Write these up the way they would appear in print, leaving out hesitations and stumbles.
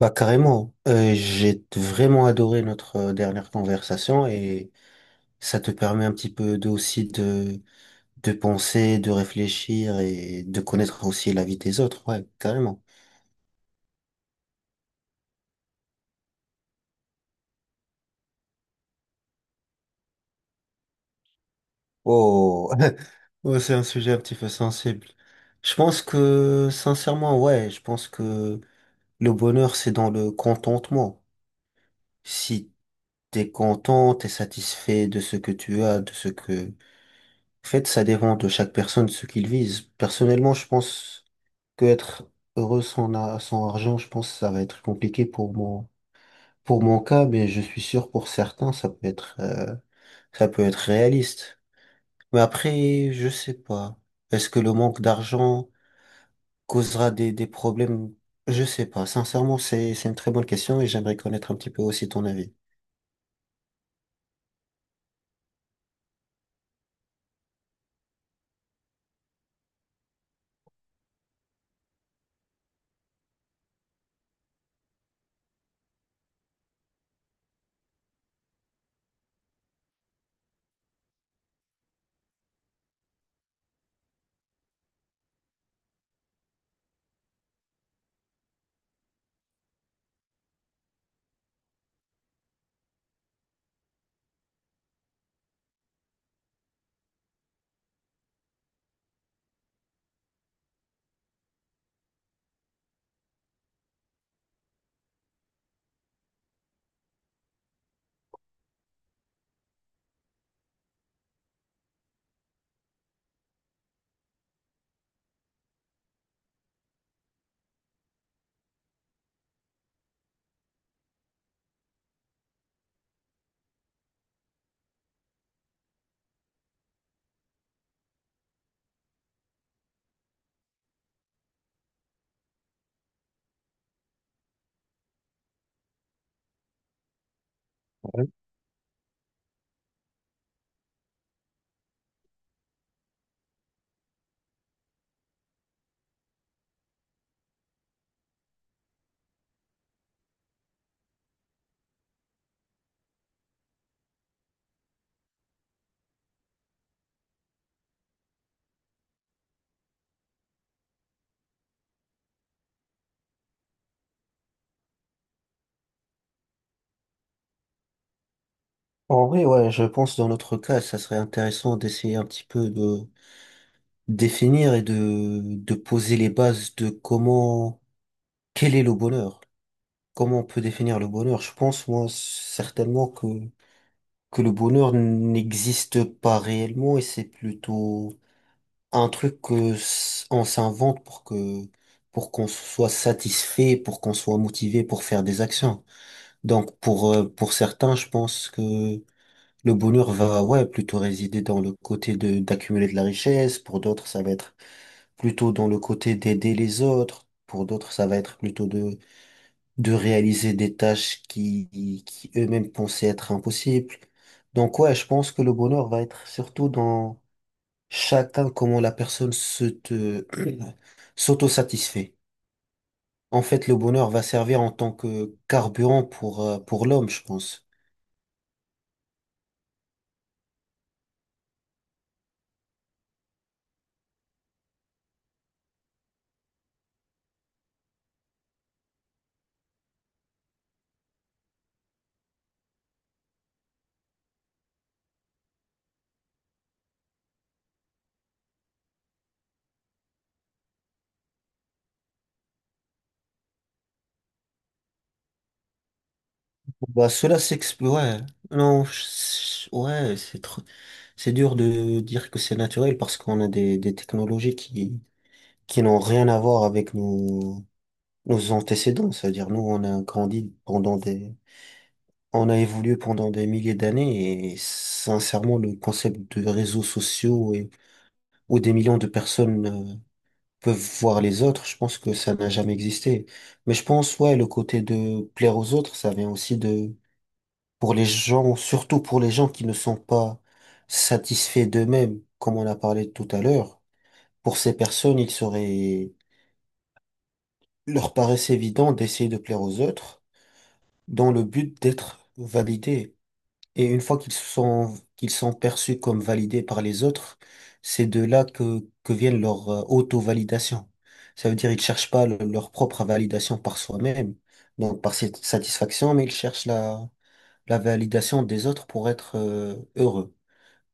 Bah carrément. J'ai vraiment adoré notre dernière conversation et ça te permet un petit peu aussi de penser, de réfléchir et de connaître aussi la vie des autres, ouais, carrément. Oh, Ouais, c'est un sujet un petit peu sensible. Je pense que, sincèrement, ouais, je pense que le bonheur, c'est dans le contentement. Si t'es content, t'es satisfait de ce que tu as, de ce que... En fait, ça dépend de chaque personne, ce qu'il vise. Personnellement, je pense... que être heureux sans argent, je pense que ça va être compliqué pour pour mon cas, mais je suis sûr pour certains, ça peut être réaliste. Mais après, je sais pas. Est-ce que le manque d'argent causera des problèmes? Je sais pas. Sincèrement, c'est une très bonne question et j'aimerais connaître un petit peu aussi ton avis. Ouais. En vrai, ouais, je pense dans notre cas, ça serait intéressant d'essayer un petit peu de définir et de poser les bases de comment, quel est le bonheur. Comment on peut définir le bonheur? Je pense, moi, certainement que le bonheur n'existe pas réellement et c'est plutôt un truc que on s'invente pour que, pour qu'on soit satisfait, pour qu'on soit motivé pour faire des actions. Donc, pour certains, je pense que le bonheur va, ouais, plutôt résider dans le côté de, d'accumuler de la richesse. Pour d'autres, ça va être plutôt dans le côté d'aider les autres. Pour d'autres, ça va être plutôt de réaliser des tâches qui eux-mêmes pensaient être impossibles. Donc ouais, je pense que le bonheur va être surtout dans chacun, comment la personne se te, s'auto-satisfait. En fait, le bonheur va servir en tant que carburant pour l'homme, je pense. Bah, cela s'explique, ouais. Non, ouais, c'est trop, c'est dur de dire que c'est naturel parce qu'on a des technologies qui n'ont rien à voir avec nous nos antécédents, c'est-à-dire nous, on a grandi pendant des, on a évolué pendant des milliers d'années et sincèrement, le concept de réseaux sociaux et où des millions de personnes peuvent voir les autres, je pense que ça n'a jamais existé. Mais je pense, ouais, le côté de plaire aux autres, ça vient aussi de, pour les gens, surtout pour les gens qui ne sont pas satisfaits d'eux-mêmes, comme on a parlé tout à l'heure. Pour ces personnes, il serait, leur paraissait évident d'essayer de plaire aux autres dans le but d'être validés. Et une fois qu'ils sont perçus comme validés par les autres, c'est de là que viennent leur auto-validation. Ça veut dire ils cherchent pas leur propre validation par soi-même, donc par cette satisfaction, mais ils cherchent la, la validation des autres pour être heureux.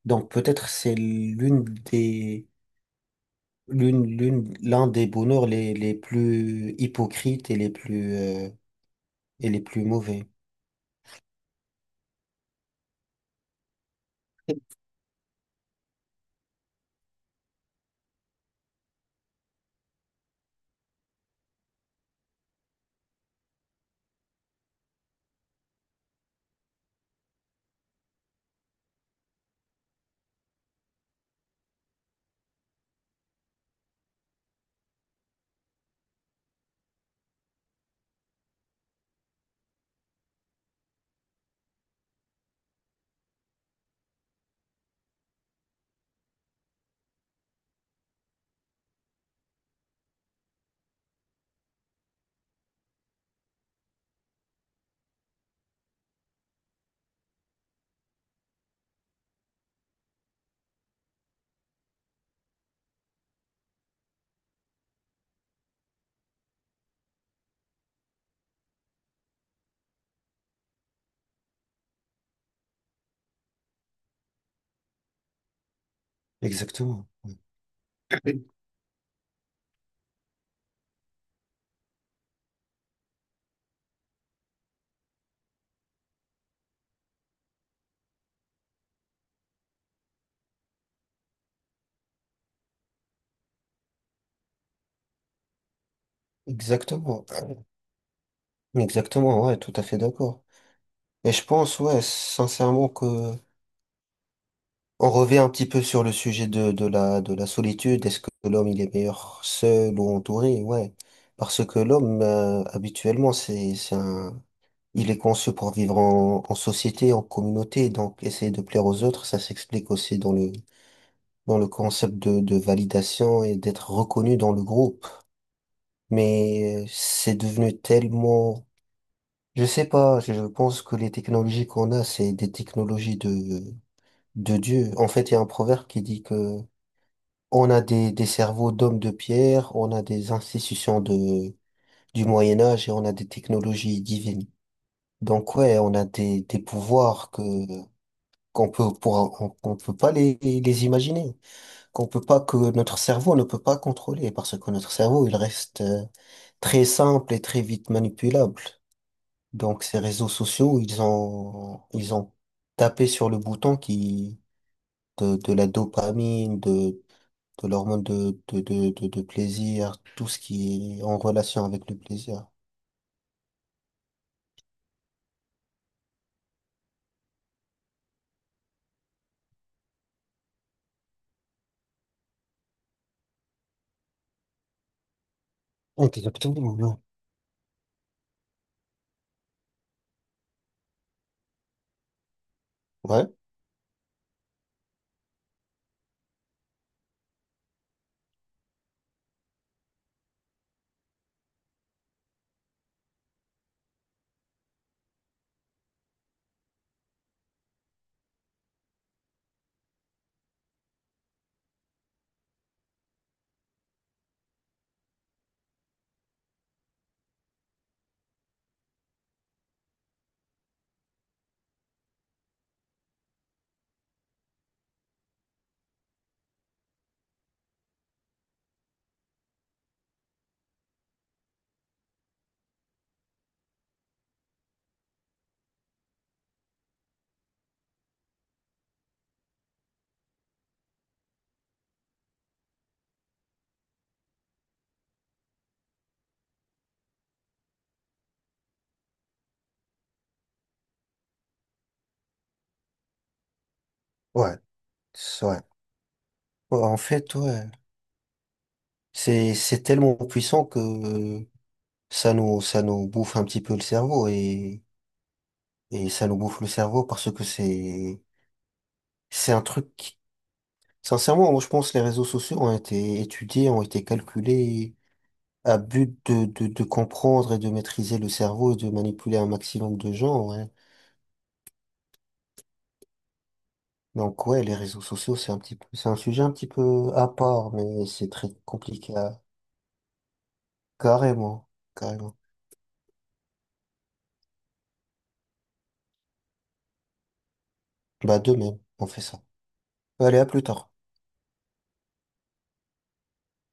Donc peut-être c'est l'une des, l'une, l'un des bonheurs les plus hypocrites et les plus mauvais. Exactement. Exactement. Exactement, ouais, tout à fait d'accord. Et je pense, ouais, sincèrement que on revient un petit peu sur le sujet de de la solitude. Est-ce que l'homme, il est meilleur seul ou entouré? Ouais. Parce que l'homme, habituellement, c'est un, il est conçu pour vivre en société, en communauté. Donc, essayer de plaire aux autres, ça s'explique aussi dans le concept de validation et d'être reconnu dans le groupe. Mais c'est devenu tellement... Je sais pas, je pense que les technologies qu'on a, c'est des technologies de Dieu. En fait, il y a un proverbe qui dit que on a des cerveaux d'hommes de pierre, on a des institutions de, du Moyen Âge et on a des technologies divines. Donc ouais, on a des pouvoirs que qu'on peut pour, on, qu'on peut pas les, les imaginer, qu'on peut pas que notre cerveau ne peut pas contrôler parce que notre cerveau, il reste très simple et très vite manipulable. Donc ces réseaux sociaux, ils ont tapé sur le bouton qui de la dopamine, de l'hormone de, de plaisir, tout ce qui est en relation avec le plaisir. Exactement, non. Ouais, ouais, c'est vrai. Ouais, en fait, ouais, c'est tellement puissant que ça nous bouffe un petit peu le cerveau et ça nous bouffe le cerveau parce que c'est un truc. Qui- Sincèrement, moi je pense que les réseaux sociaux ont été étudiés, ont été calculés à but de, de comprendre et de maîtriser le cerveau et de manipuler un maximum de gens, ouais. Donc ouais, les réseaux sociaux, c'est un petit peu, c'est un sujet un petit peu à part, mais c'est très compliqué à... Carrément, carrément. Bah de même, on fait ça. Allez, à plus tard.